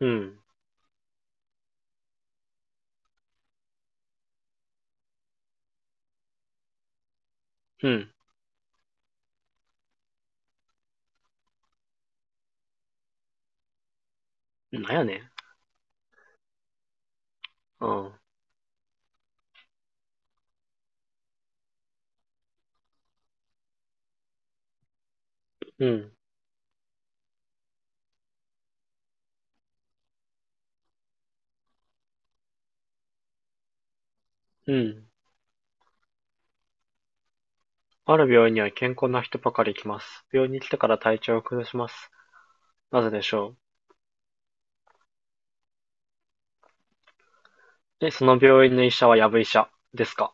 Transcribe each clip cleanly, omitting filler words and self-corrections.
うん、うん、なんやねん。うん、うん、うん。ある病院には健康な人ばかり来ます。病院に来てから体調を崩します。なぜでしょう。え、その病院の医者はやぶ医者ですか？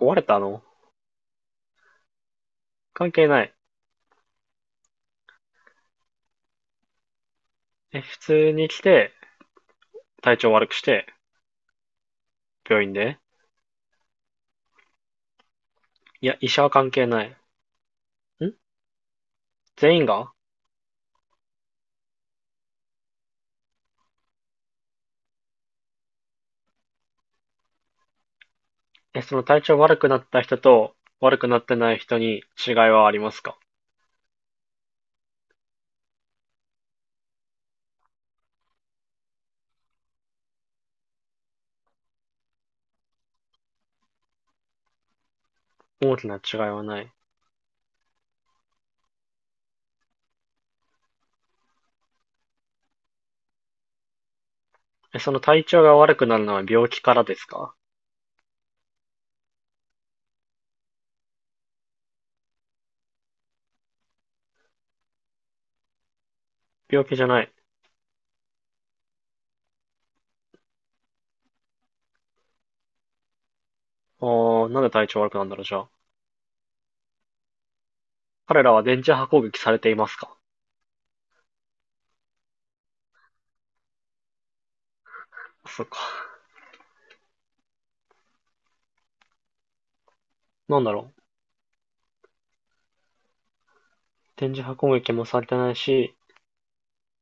壊れたの？関係ない。え、普通に来て、体調悪くして、病院で、いや、医者は関係ない。ん、全員が。え、その体調悪くなった人と悪くなってない人に違いはありますか？大きな違いはない。え、その体調が悪くなるのは病気からですか？病気じゃない。あー、なんで体調悪くなんだろう、じゃあ。彼らは電磁波攻撃されていますか？そっか。なんだろう。電磁波攻撃もされてないし、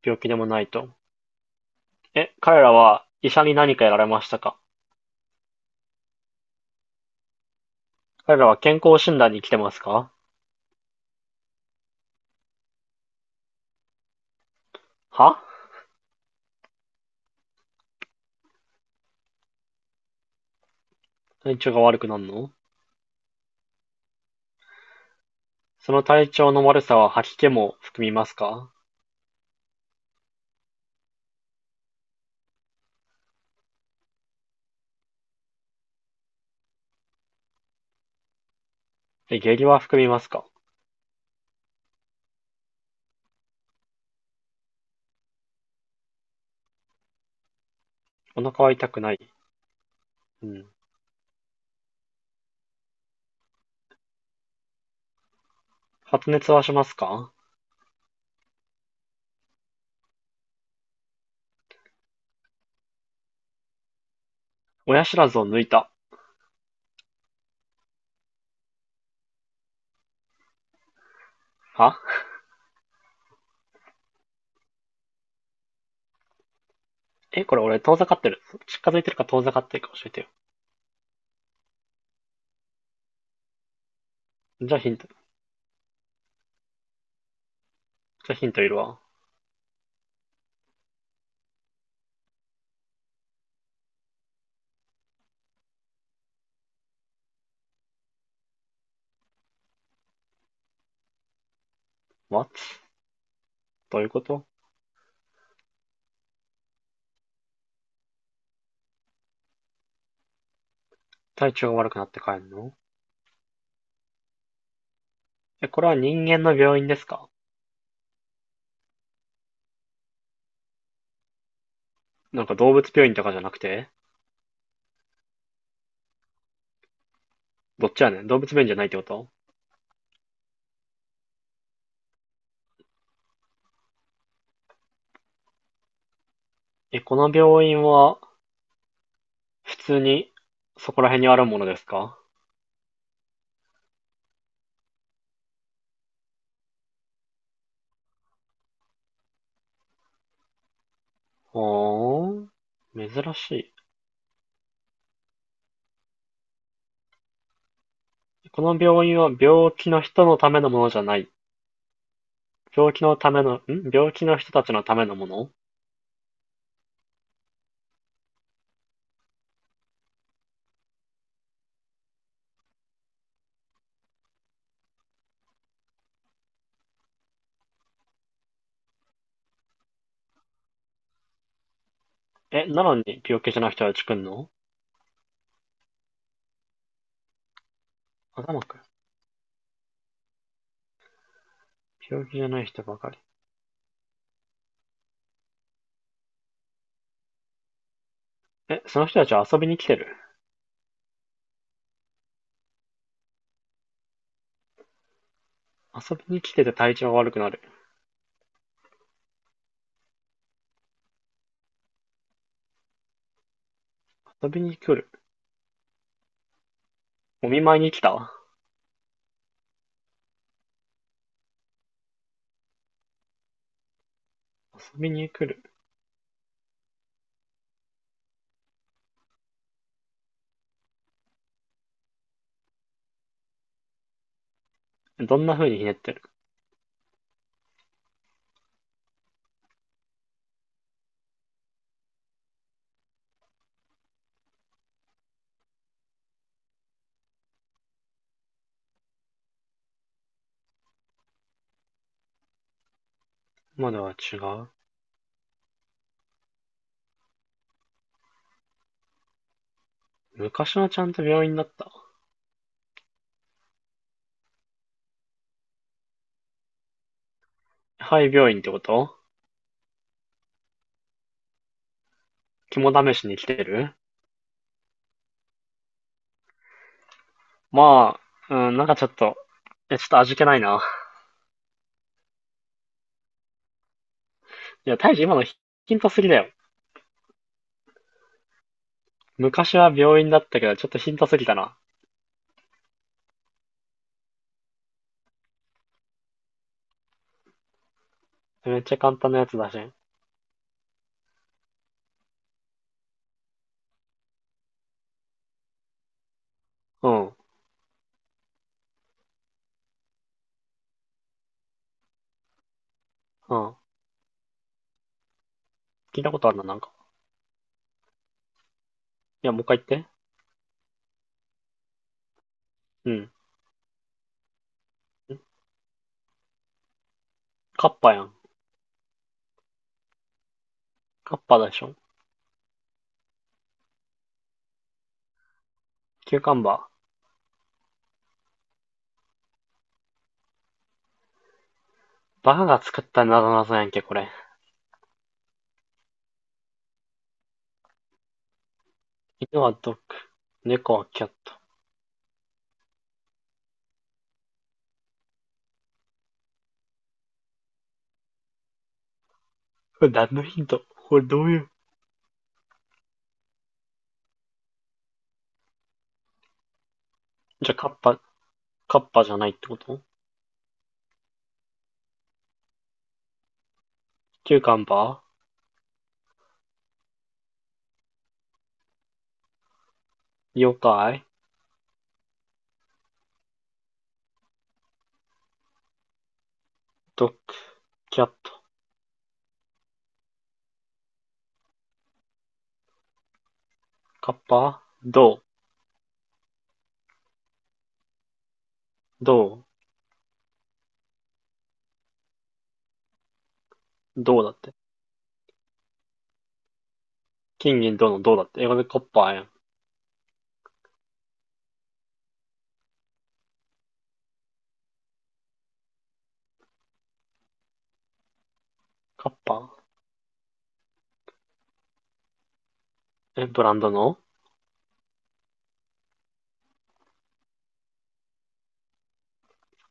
病気でもないと。え、彼らは医者に何かやられましたか？彼らは健康診断に来てますか？は体調が悪くなるの？その体調の悪さは吐き気も含みますか？え、下痢は含みますか？お腹は痛くない。うん。発熱はしますか？親知らずを抜いた。はえ、これ俺遠ざかってる。近づいてるか遠ざかってるか教えてよ。じゃあヒント。じゃあヒントいるわ。What? どういうこと？体調が悪くなって帰んの？え、これは人間の病院ですか？なんか動物病院とかじゃなくて。どっちやねん、動物病院じゃないってこと？え、この病院は普通にそこら辺にあるものですか？ほーん。珍しい。この病院は病気の人のためのものじゃない。病気のための、ん病気の人たちのためのもの？え、なのに病気じゃない人たち来んの？頭くん。病気じゃない人ばかり。え、その人たちは遊びに来てる？遊びに来てて体調悪くなる。遊びに来る。お見舞いに来た。遊びに来る。どんな風にひねってる？今では違う。昔はちゃんと病院だった。はい、病院ってこと？肝試しに来てる？まあ、うん、なんかちょっと、え、ちょっと味気ないな。いや、今のヒントすぎだよ。昔は病院だったけど、ちょっとヒントすぎたな。めっちゃ簡単なやつだし。うん、うん。聞いたことあるな、なんか。いや、もう一回言って。うん。カッパやん。カッパでしょ。キューカンバー。バカが作ったなぞなぞやんけ、これ。犬はドッグ、猫はキャット。これ何のヒント？これどういう。じゃあ、カッパ、カッパじゃないってこと？キューカンバー、妖怪、ドッグ、キャット、カッパ、銅、銅、銅だって。金銀銅の銅だって。英語でカッパやん。カッパ、ブランドの？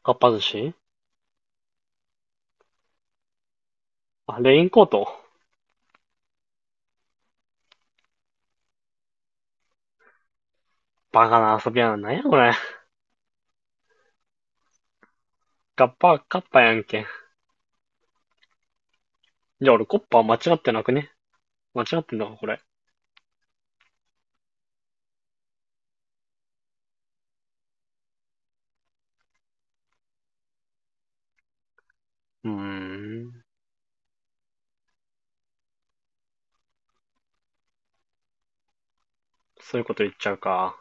カッパ寿司？あ、レインコート？バカな遊びやな。なんやこれ。カッパ、カッパやんけ。じゃあ俺コッパ間違ってなくね？間違ってんのか、これ。うーん。そういうこと言っちゃうか。